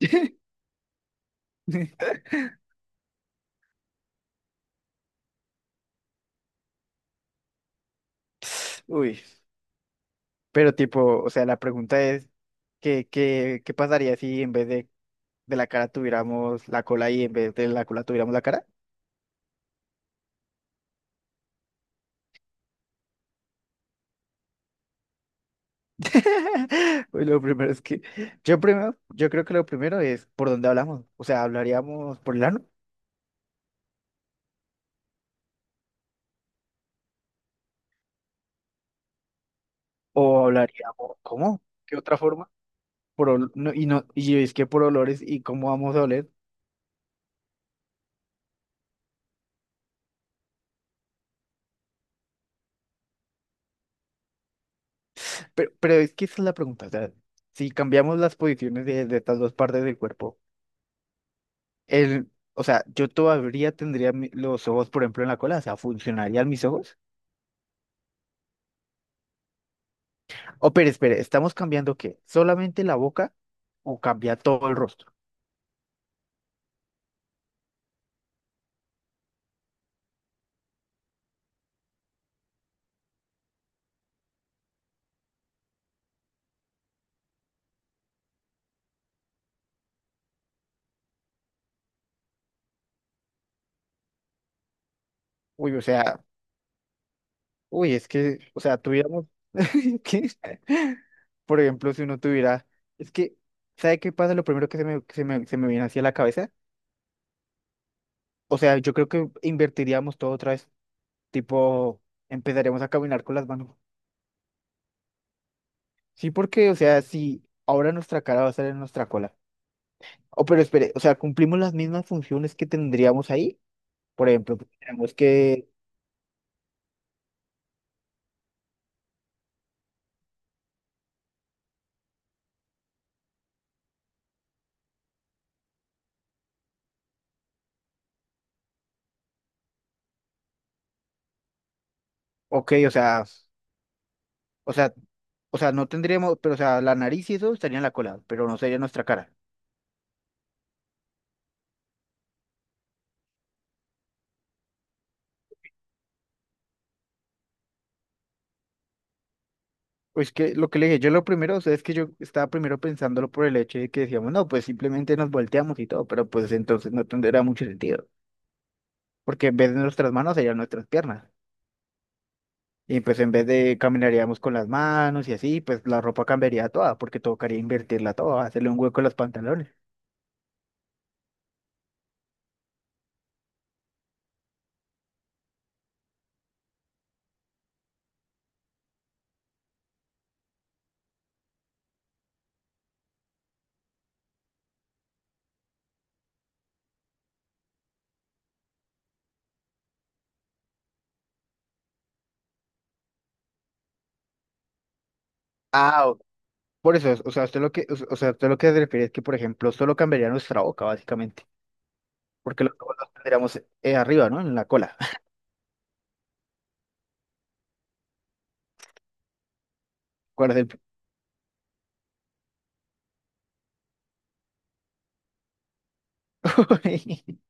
Uy, pero tipo, o sea, la pregunta es, ¿Qué pasaría si en vez de la cara tuviéramos la cola y en vez de la cola tuviéramos la cara? Uy, lo primero es que, yo creo que lo primero es por dónde hablamos, o sea, ¿hablaríamos por el ano? ¿O hablaríamos, cómo? ¿Qué otra forma? No, y no, y es que por olores y cómo vamos a oler. Pero es que esa es la pregunta, o sea, si cambiamos las posiciones de estas dos partes del cuerpo. El, o sea, yo todavía tendría los ojos, por ejemplo, en la cola, o sea, ¿funcionarían mis ojos? Oh, pero espere, ¿estamos cambiando qué? ¿Solamente la boca o cambia todo el rostro? Uy, o sea, uy, es que, o sea, tuviéramos, ¿qué? Por ejemplo, si uno tuviera, es que, ¿sabe qué pasa? Lo primero que se me viene hacia la cabeza, o sea, yo creo que invertiríamos todo otra vez, tipo, empezaríamos a caminar con las manos. Sí, porque, o sea, si ahora nuestra cara va a estar en nuestra cola. Oh, pero espere, o sea, cumplimos las mismas funciones que tendríamos ahí. Por ejemplo, tenemos que, ok, o sea, o sea, o sea, no tendríamos, pero o sea, la nariz y eso estaría en la cola, pero no sería nuestra cara. Pues que lo que le dije, yo lo primero, o sea, es que yo estaba primero pensándolo por el hecho de que decíamos, no, pues simplemente nos volteamos y todo, pero pues entonces no tendría mucho sentido, porque en vez de nuestras manos serían nuestras piernas. Y pues en vez de caminaríamos con las manos y así, pues la ropa cambiaría toda, porque tocaría invertirla toda, hacerle un hueco a los pantalones. Ah, por eso, o sea, usted lo que, o sea, usted lo que se refiere es que, por ejemplo, solo cambiaría nuestra boca, básicamente, porque los ojos los tendríamos arriba, ¿no? En la cola. ¿Cuál es el punto?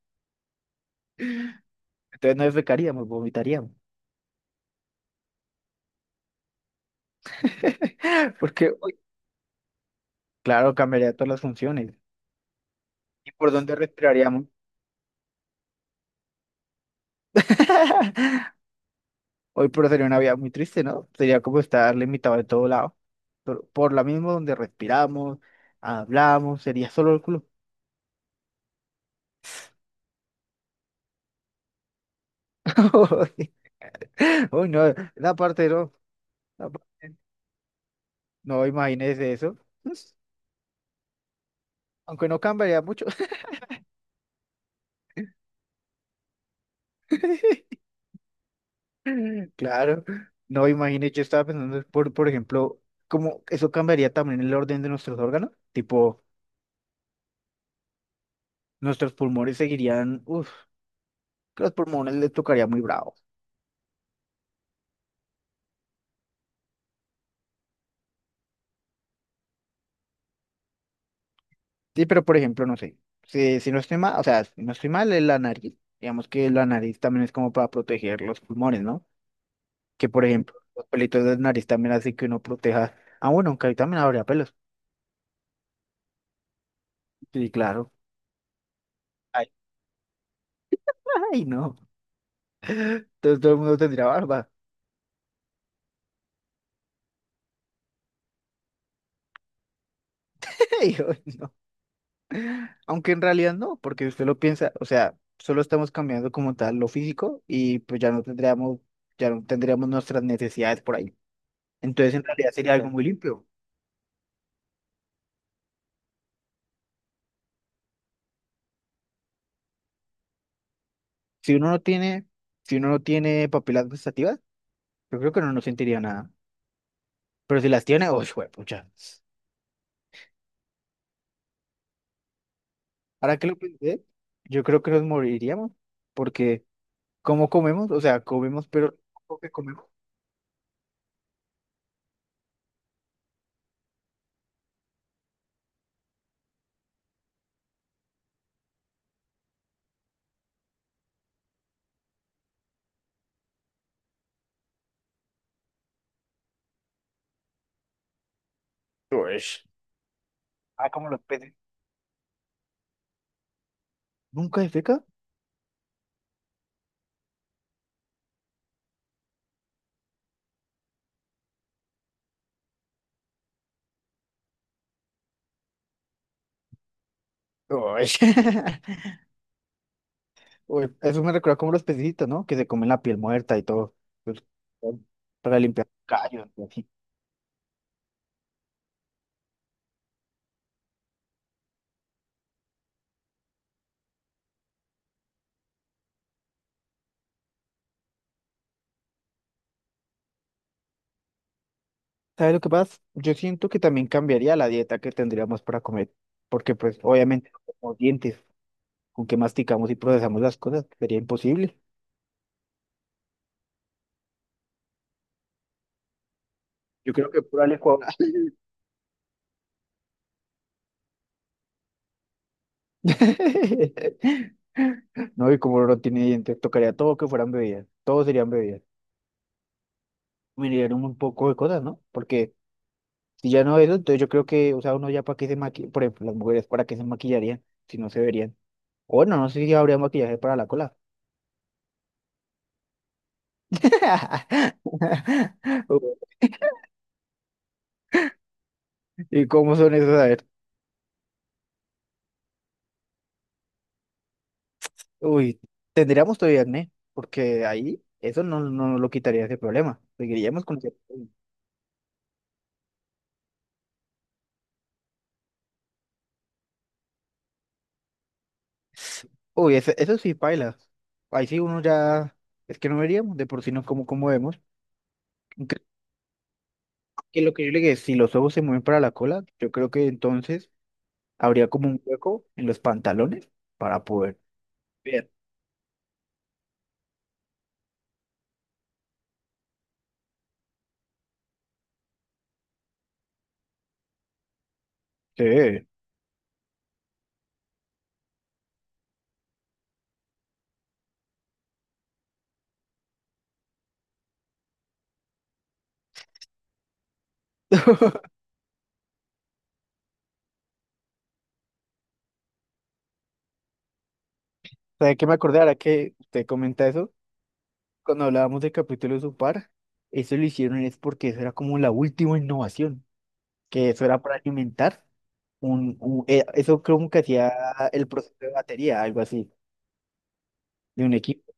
Entonces no defecaríamos, vomitaríamos. Porque, uy, claro, cambiaría todas las funciones. ¿Y por dónde respiraríamos? Hoy por sería una vida muy triste, ¿no? Sería como estar limitado de todo lado. Por la misma donde respiramos, hablamos, sería solo el culo. Uy, no, la parte no. Esa parte no, imagínese eso. Aunque no cambiaría mucho. Claro. No, imagínese, yo estaba pensando, por ejemplo, cómo eso cambiaría también el orden de nuestros órganos. Tipo, nuestros pulmones seguirían, uff, los pulmones les tocaría muy bravo. Sí, pero por ejemplo, no sé, si no estoy mal, o sea, si no estoy mal, es la nariz. Digamos que la nariz también es como para proteger los pulmones, ¿no? Que por ejemplo, los pelitos de la nariz también hacen que uno proteja. Ah, bueno, aunque ahí también habría pelos. Sí, claro. Ay, ay, no. Entonces todo el mundo tendría barba. Y yo, no. Aunque en realidad no, porque usted lo piensa, o sea, solo estamos cambiando como tal lo físico y pues ya no tendríamos nuestras necesidades por ahí. Entonces en realidad sería algo claro, muy libre. Si uno no tiene, si uno no tiene papilas gustativas, yo creo que no, nos sentiría nada. Pero si las tiene, oh, pucha. Ahora que lo pensé, yo creo que nos moriríamos, porque ¿cómo comemos? O sea, comemos, pero lo poco que comemos. Ush. Ah, como los peces. ¿Nunca defeca? Ush. Uy, eso me recuerda como los pececitos, ¿no? Que se comen la piel muerta y todo. Pues, para limpiar callos y así. ¿Sabes lo que pasa? Yo siento que también cambiaría la dieta que tendríamos para comer. Porque, pues, obviamente, como dientes, con que masticamos y procesamos las cosas, sería imposible. Yo creo que pura licuadora. No, y como no tiene dientes, tocaría todo que fueran bebidas. Todo serían bebidas. Mirarían un poco de cosas, ¿no? Porque si ya no eso, entonces yo creo que, o sea, uno ya para qué se maquilla, por ejemplo, las mujeres para qué se maquillarían si no se verían. O bueno, no sé si habría maquillaje para la cola. ¿Y cómo son esos? A ver, uy, tendríamos todavía acné, porque ahí eso no, no nos lo quitaría ese problema. Seguiríamos con cierto problema. Uy, eso sí, paila. Ahí sí uno ya, es que no veríamos, de por sí no como, como vemos. Creo que lo que yo le dije, si los ojos se mueven para la cola, yo creo que entonces habría como un hueco en los pantalones para poder ver. Sí. ¿Sabe qué me acordé ahora que usted comenta eso? Cuando hablábamos del capítulo de Supar, eso lo hicieron es porque eso era como la última innovación, que eso era para alimentar un, eso creo que hacía el proceso de batería, algo así, de un equipo.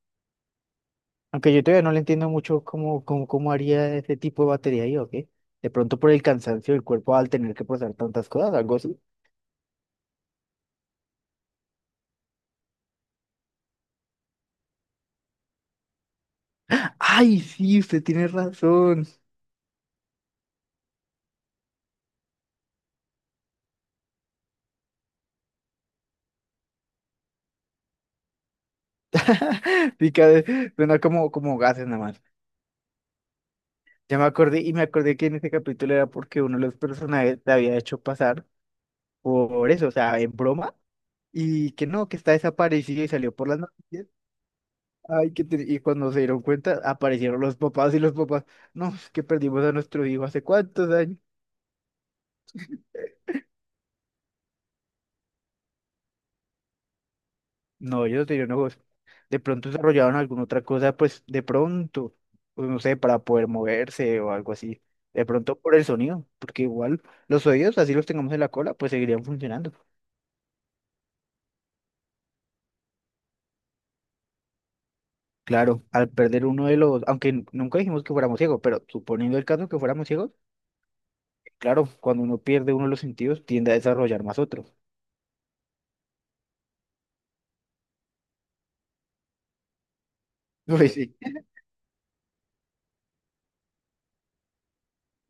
Aunque yo todavía no le entiendo mucho cómo, cómo haría ese tipo de batería yo, ¿qué? De pronto por el cansancio del cuerpo al tener que procesar tantas cosas, algo así. Ay, sí, usted tiene razón. Suena como, como gases nada más. Ya me acordé y me acordé que en ese capítulo era porque uno de los personajes te había hecho pasar por eso, o sea, en broma, y que no, que está desaparecido y salió por las noticias. Ay, y cuando se dieron cuenta, aparecieron los papás y los papás, no, es que perdimos a nuestro hijo hace cuántos años. No, ellos tenían ojos. De pronto desarrollaban alguna otra cosa, pues de pronto, pues, no sé, para poder moverse o algo así. De pronto por el sonido, porque igual los oídos, así los tengamos en la cola, pues seguirían funcionando. Claro, al perder uno de los, nunca dijimos que fuéramos ciegos, pero suponiendo el caso que fuéramos ciegos, claro, cuando uno pierde uno de los sentidos, tiende a desarrollar más otro. Uy, sí,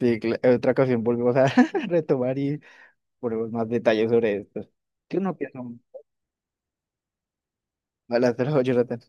sí, en otra ocasión volvemos a retomar y ponemos más detalles sobre esto. ¿Qué uno piensa? Hola, Jonathan.